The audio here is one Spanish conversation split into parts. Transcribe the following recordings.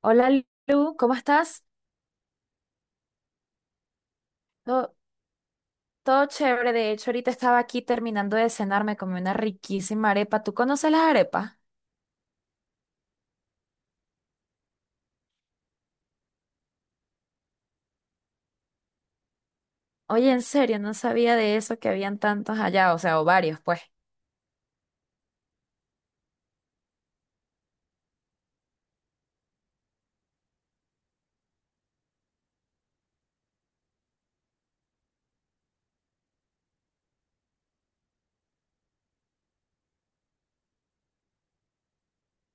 Hola Lu, ¿cómo estás? Todo, todo chévere, de hecho ahorita estaba aquí terminando de cenar, me comí una riquísima arepa. ¿Tú conoces las arepas? Oye, en serio, no sabía de eso que habían tantos allá, o sea, o varios, pues.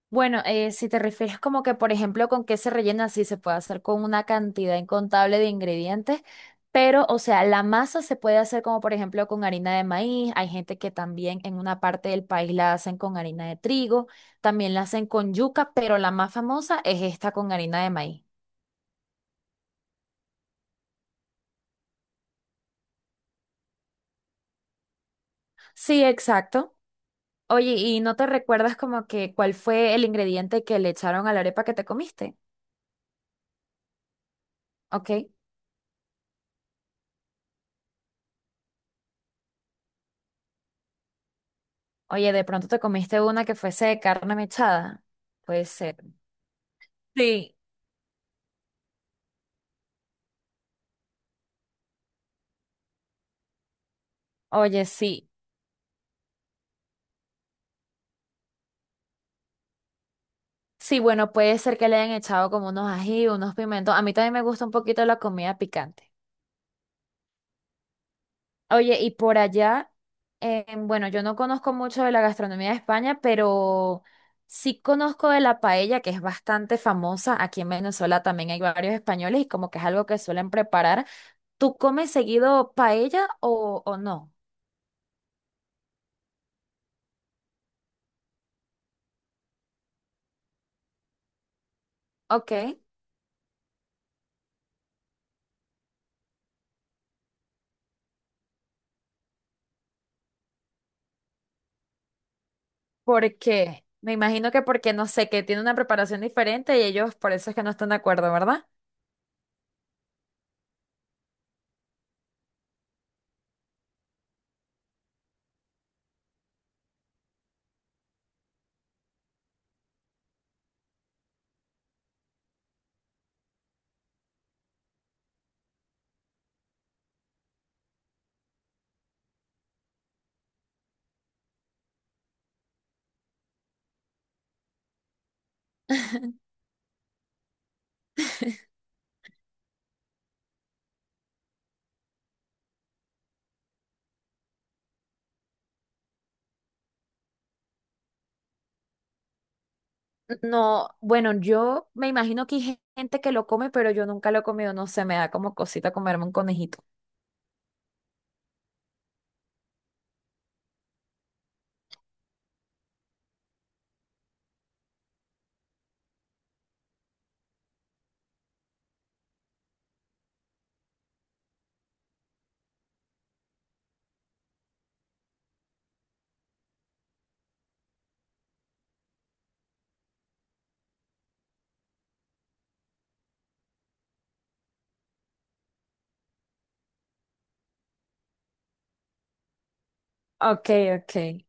Bueno, si te refieres como que, por ejemplo, con qué se rellena, sí se puede hacer con una cantidad incontable de ingredientes, pero, o sea, la masa se puede hacer como, por ejemplo, con harina de maíz. Hay gente que también en una parte del país la hacen con harina de trigo, también la hacen con yuca, pero la más famosa es esta con harina de maíz. Sí, exacto. Oye, ¿y no te recuerdas como que cuál fue el ingrediente que le echaron a la arepa que te comiste? Ok. Oye, de pronto te comiste una que fuese de carne mechada. Puede ser. Sí, oye, sí. Sí, bueno, puede ser que le hayan echado como unos ají, unos pimentos. A mí también me gusta un poquito la comida picante. Oye, y por allá, bueno, yo no conozco mucho de la gastronomía de España, pero sí conozco de la paella, que es bastante famosa. Aquí en Venezuela también hay varios españoles y como que es algo que suelen preparar. ¿Tú comes seguido paella o no? Ok, ¿por qué? Me imagino que porque, no sé, que tiene una preparación diferente y ellos por eso es que no están de acuerdo, ¿verdad? No, bueno, yo me imagino que hay gente que lo come, pero yo nunca lo he comido, no sé, me da como cosita comerme un conejito. Ok, ok,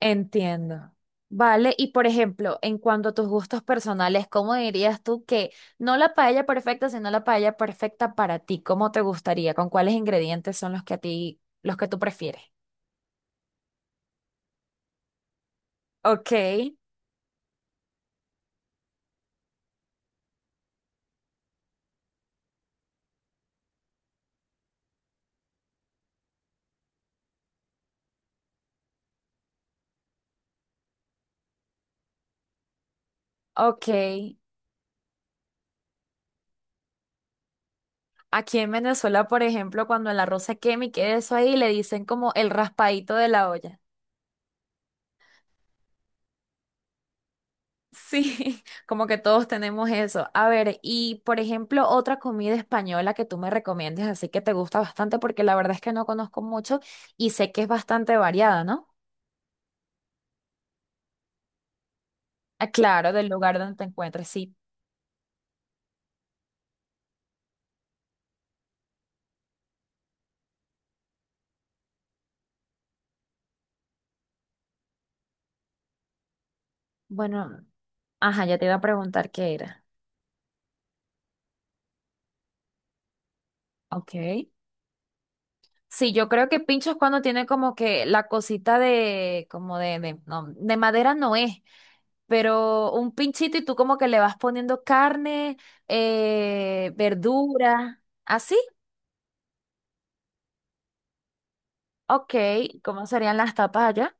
entiendo. Vale, y por ejemplo, en cuanto a tus gustos personales, ¿cómo dirías tú que no la paella perfecta, sino la paella perfecta para ti? ¿Cómo te gustaría? ¿Con cuáles ingredientes son los que a ti, los que tú prefieres? Ok, ok. Aquí en Venezuela, por ejemplo, cuando el arroz se quema y queda eso ahí, le dicen como el raspadito de la olla. Sí, como que todos tenemos eso. A ver, y por ejemplo, otra comida española que tú me recomiendes, así que te gusta bastante, porque la verdad es que no conozco mucho y sé que es bastante variada, ¿no? Ah, claro, del lugar donde te encuentres, sí. Bueno, ajá, ya te iba a preguntar qué era. Ok. Sí, yo creo que pincho es cuando tiene como que la cosita de, como de, no, de madera no es pero un pinchito y tú como que le vas poniendo carne, verdura, así. Ok, ¿cómo serían las tapas allá?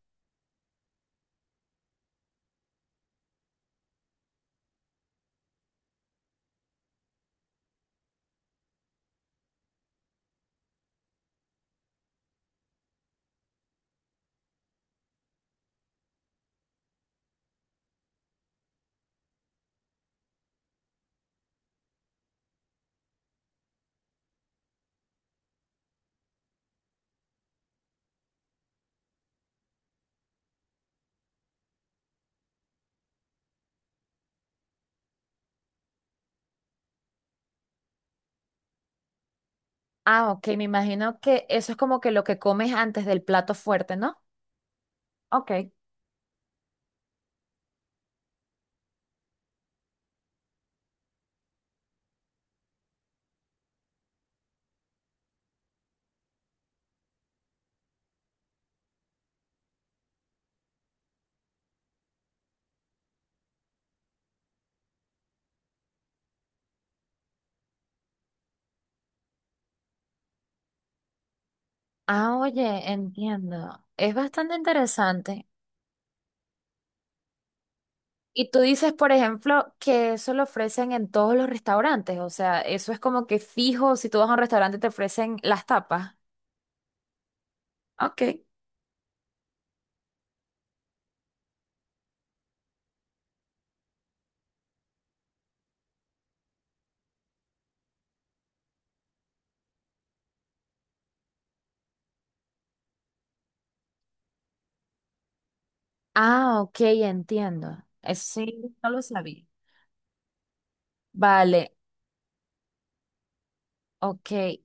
Ah, ok, me imagino que eso es como que lo que comes antes del plato fuerte, ¿no? Ok. Ah, oye, entiendo. Es bastante interesante. Y tú dices, por ejemplo, que eso lo ofrecen en todos los restaurantes, o sea, eso es como que fijo, si tú vas a un restaurante te ofrecen las tapas. Ok. Ah, ok, entiendo. Eso sí, no lo sabía. Vale, ok.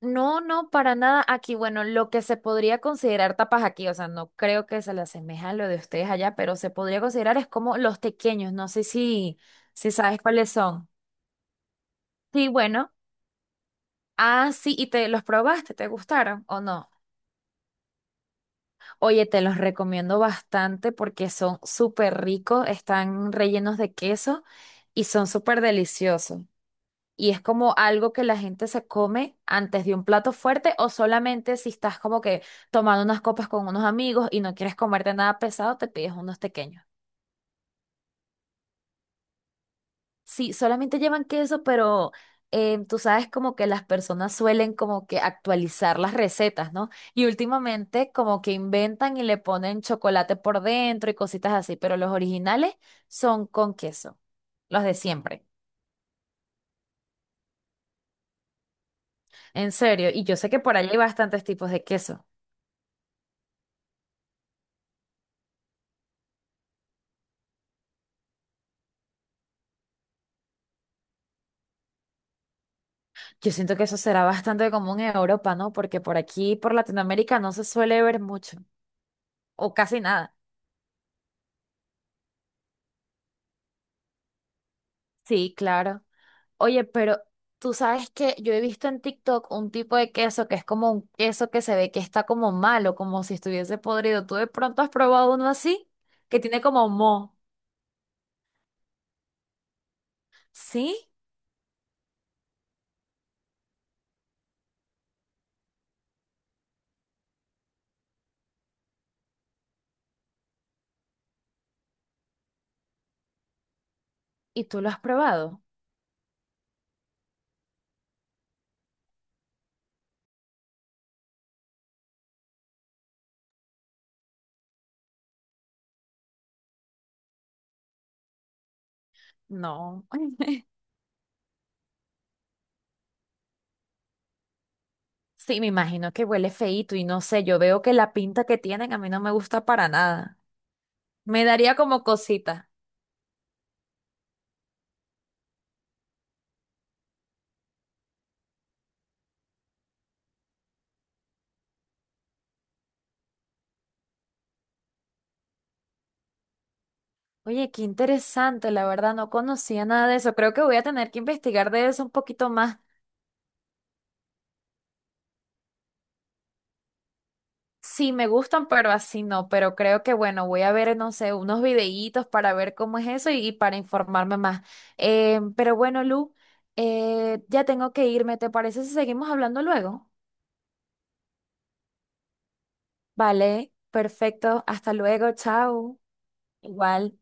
No, no, para nada. Aquí, bueno, lo que se podría considerar tapas aquí, o sea, no creo que se le asemeja a lo de ustedes allá, pero se podría considerar es como los tequeños. No sé si, si sabes cuáles son. Sí, bueno. Ah, sí, y te los probaste, ¿te gustaron o no? Oye, te los recomiendo bastante porque son súper ricos, están rellenos de queso y son súper deliciosos. Y es como algo que la gente se come antes de un plato fuerte o solamente si estás como que tomando unas copas con unos amigos y no quieres comerte nada pesado, te pides unos pequeños. Sí, solamente llevan queso, pero tú sabes como que las personas suelen como que actualizar las recetas, ¿no? Y últimamente como que inventan y le ponen chocolate por dentro y cositas así, pero los originales son con queso, los de siempre. En serio, y yo sé que por allá hay bastantes tipos de queso. Yo siento que eso será bastante común en Europa, ¿no? Porque por aquí, por Latinoamérica, no se suele ver mucho, o casi nada. Sí, claro. Oye, pero tú sabes que yo he visto en TikTok un tipo de queso que es como un queso que se ve que está como malo, como si estuviese podrido. ¿Tú de pronto has probado uno así? Que tiene como moho. ¿Sí? ¿Y tú lo has probado? No. Sí, me imagino que huele feíto y no sé, yo veo que la pinta que tienen a mí no me gusta para nada. Me daría como cosita. Oye, qué interesante, la verdad, no conocía nada de eso. Creo que voy a tener que investigar de eso un poquito más. Sí, me gustan, pero así no. Pero creo que, bueno, voy a ver, no sé, unos videitos para ver cómo es eso y para informarme más. Pero bueno, Lu, ya tengo que irme. ¿Te parece si seguimos hablando luego? Vale, perfecto. Hasta luego, chao. Igual.